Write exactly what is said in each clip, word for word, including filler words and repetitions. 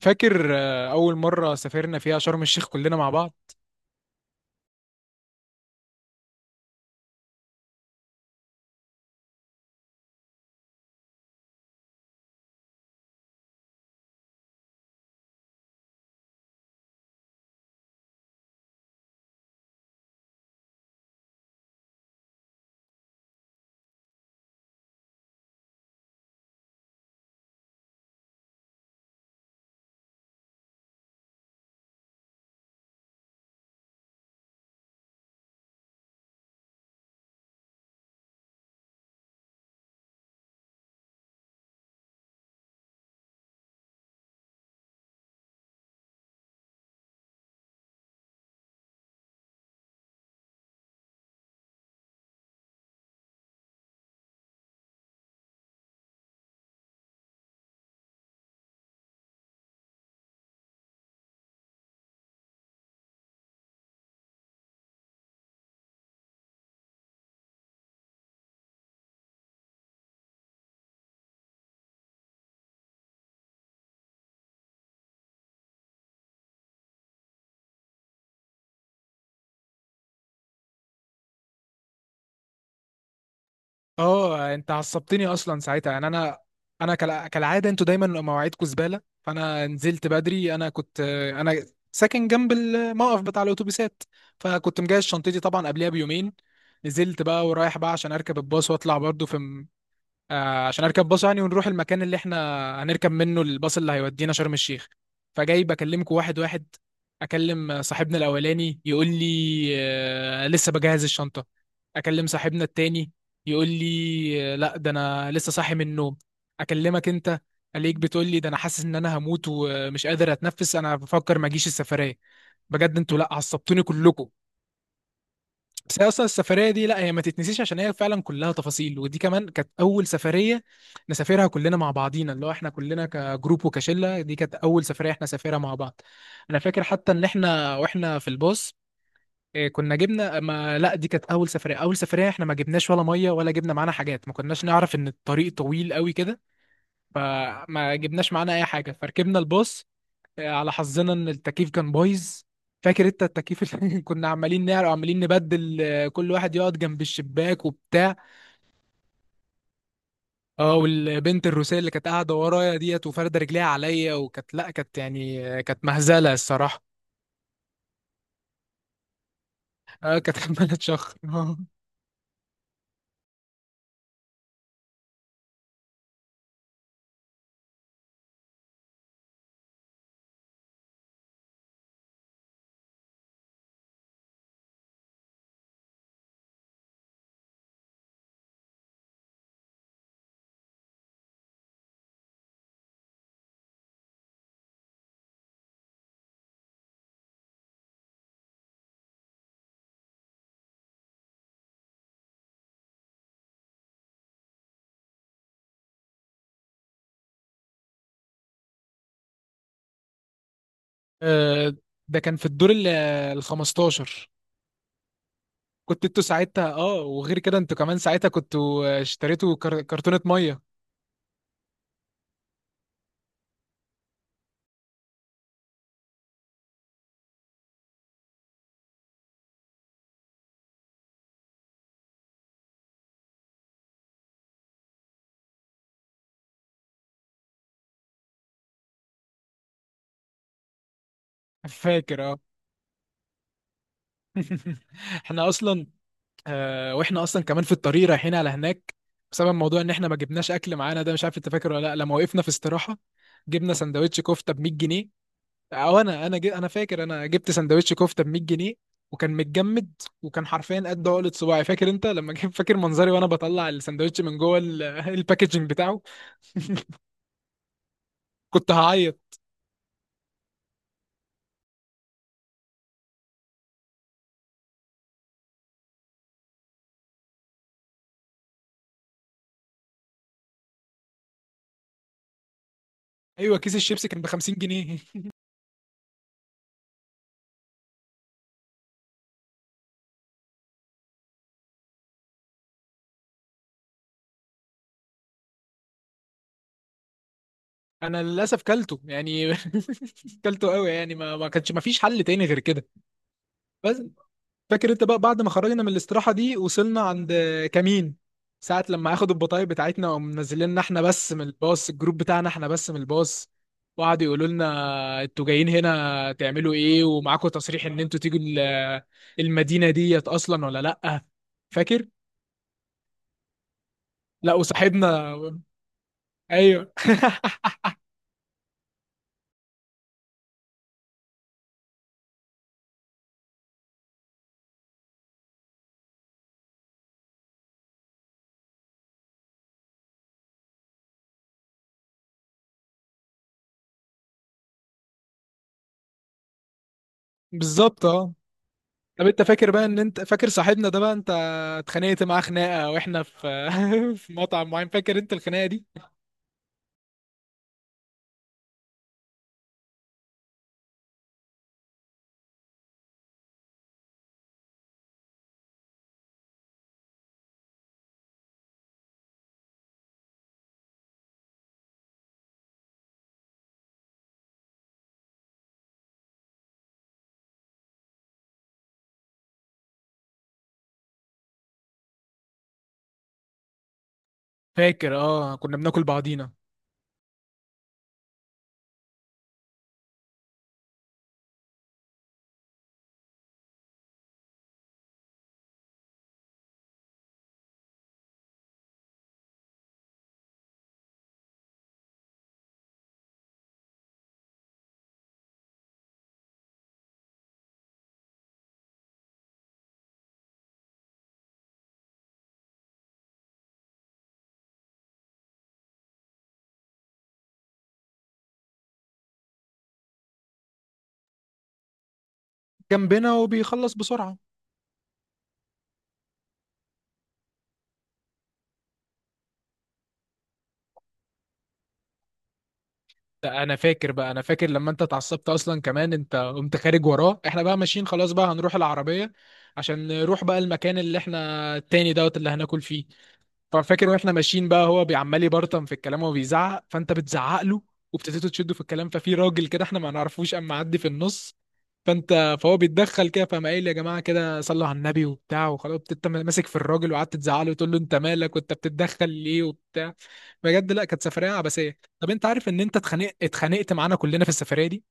فاكر آه، اول مره سافرنا فيها شرم الشيخ كلنا مع بعض. اه انت عصبتني اصلا ساعتها يعني انا انا كالع- كالعاده انتوا دايما مواعيدكم زباله، فانا نزلت بدري. انا كنت آه، انا ساكن جنب الموقف بتاع الاتوبيسات، فكنت مجهز شنطتي طبعا قبلها بيومين. نزلت بقى ورايح بقى عشان اركب الباص واطلع برضو في آه، عشان اركب باص يعني ونروح المكان اللي احنا هنركب منه الباص اللي هيودينا شرم الشيخ. فجاي بكلمكم واحد واحد. اكلم صاحبنا الاولاني يقول لي آه، لسه بجهز الشنطة. اكلم صاحبنا التاني يقول لي آه، لا ده انا لسه صاحي من النوم. اكلمك انت عليك بتقول لي ده انا حاسس ان انا هموت ومش قادر اتنفس انا بفكر ما اجيش السفرية. بجد انتوا لا عصبتوني كلكم. بس هي اصلا السفريه دي لا هي ما تتنسيش عشان هي فعلا كلها تفاصيل، ودي كمان كانت اول سفريه نسافرها كلنا مع بعضينا، اللي هو احنا كلنا كجروب وكشله، دي كانت اول سفريه احنا سافرها مع بعض. انا فاكر حتى ان احنا واحنا في الباص، إيه، كنا جبنا ما لا دي كانت اول سفريه، اول سفريه احنا ما جبناش ولا ميه ولا جبنا معانا حاجات، ما كناش نعرف ان الطريق طويل قوي كده، فما جبناش معانا اي حاجه. فركبنا الباص على حظنا ان التكييف كان بايظ. فاكر انت التكييف اللي كنا عمالين نعرق وعمالين نبدل، آه، كل واحد يقعد جنب الشباك وبتاع. اه والبنت الروسية اللي كانت قاعدة ورايا ديت وفاردة رجليها عليا، وكانت لا كانت يعني آه، كانت مهزلة الصراحة. اه كانت عمالة تشخر آه، آه، ده كان في الدور ال ال خمستاشر. كنت انتوا ساعتها اه، وغير كده انتوا كمان ساعتها كنتوا، آه، اشتريتوا كر- كرتونة مية. فاكر اه. احنا اصلا آه، واحنا اصلا كمان في الطريق رايحين على هناك، بسبب موضوع ان احنا ما جبناش اكل معانا، ده مش عارف انت فاكر ولا لا، لما وقفنا في استراحه جبنا سندوتش كفته ب مية جنيه. او انا انا جي انا فاكر انا جبت سندوتش كفته ب مية جنيه، وكان متجمد، وكان حرفيا قد عقلة صباعي. فاكر انت لما جيت فاكر منظري وانا بطلع السندوتش من جوه ال- الباكجينج بتاعه. كنت هعيط. ايوه كيس الشيبسي كان ب خمسين جنيه. انا للاسف كلته يعني، كلته قوي يعني، ما ما كانش ما فيش حل تاني غير كده. بس فاكر انت بقى بعد ما خرجنا من الاستراحة دي وصلنا عند كمين، ساعة لما اخدوا البطايق بتاعتنا ومنزلنا احنا بس من الباص، الجروب بتاعنا احنا بس من الباص، وقعدوا يقولوا لنا انتوا جايين هنا تعملوا ايه ومعاكم تصريح ان انتوا تيجوا ال- المدينة ديت اصلا ولا لأ. فاكر؟ لا وصاحبنا. ايوه بالظبط اه. طب انت فاكر بقى ان انت فاكر صاحبنا ده بقى، انت اتخانقت معاه خناقة واحنا في في مطعم معين. فاكر انت الخناقة دي؟ فاكر اه كنا بناكل بعضينا. جنبنا وبيخلص بسرعة. ده انا فاكر بقى، انا فاكر لما انت اتعصبت اصلا كمان، انت قمت خارج وراه، احنا بقى ماشيين خلاص بقى هنروح العربية عشان نروح بقى المكان اللي احنا، التاني دوت اللي هناكل فيه. ففاكر واحنا ماشيين بقى هو بيعمال يبرطم في الكلام وبيزعق، فانت بتزعق له وابتديتوا تشدوا في الكلام، ففي راجل كده احنا ما نعرفوش اما معدي في النص، فانت فهو بيتدخل كده، فقام قايل يا جماعه كده صلوا على النبي وبتاع، وخلاص انت ماسك في الراجل وقعدت تزعق له وتقول له انت مالك وانت بتتدخل ليه وبتاع. بجد لا كانت سفريه عبثيه. طب انت عارف ان انت اتخانقت اتخانقت معانا كلنا في السفريه دي.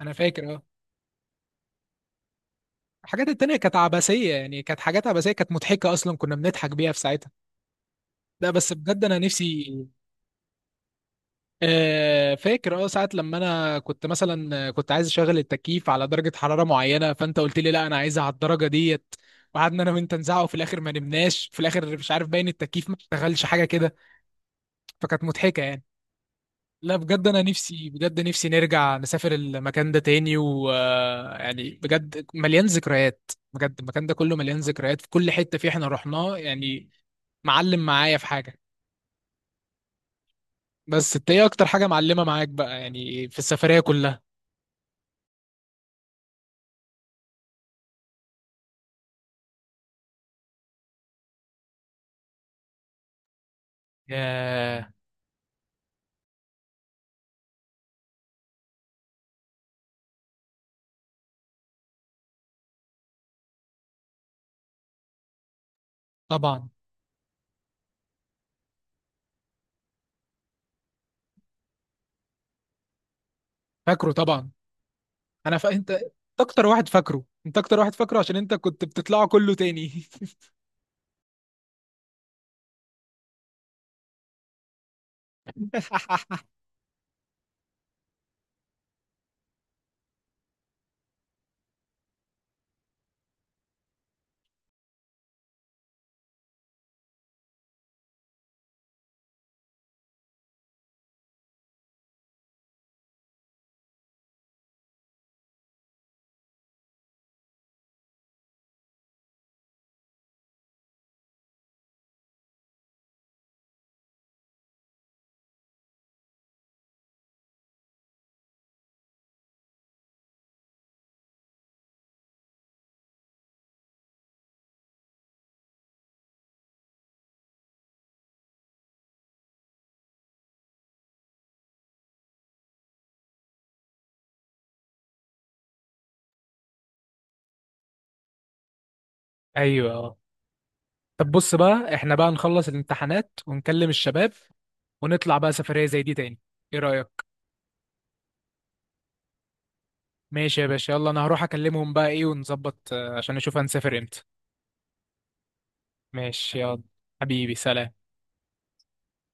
انا فاكر اه. الحاجات التانية كانت عبثية يعني، كانت حاجات عبثية، كانت مضحكة أصلا كنا بنضحك بيها في ساعتها. لا بس بجد أنا نفسي، آه، فاكر اه ساعة لما انا كنت مثلا كنت عايز اشغل التكييف على درجة حرارة معينة، فانت قلت لي لا انا عايزها على الدرجة ديت، وقعدنا انا وانت نزعق، وفي الاخر ما نمناش، في الاخر مش عارف باين التكييف ما اشتغلش حاجة كده. فكانت مضحكة يعني. لا بجد انا نفسي، بجد نفسي نرجع نسافر المكان ده تاني، ويعني بجد مليان ذكريات، بجد المكان ده كله مليان ذكريات في كل حتة فيه احنا رحناه يعني. معلم معايا في حاجة. بس انت ايه اكتر حاجة معلمة معاك بقى يعني في السفرية كلها؟ ياه طبعا. فاكره طبعا. انا ف... انت اكتر واحد فاكره، انت اكتر واحد فاكره عشان انت كنت بتطلعه كله تاني. ايوه. طب بص بقى، احنا بقى نخلص الامتحانات ونكلم الشباب ونطلع بقى سفرية زي دي تاني. ايه رأيك؟ ماشي يا باشا، يلا انا هروح اكلمهم بقى ايه ونظبط، آه، عشان نشوف هنسافر امتى. ماشي يلا. حبيبي سلام.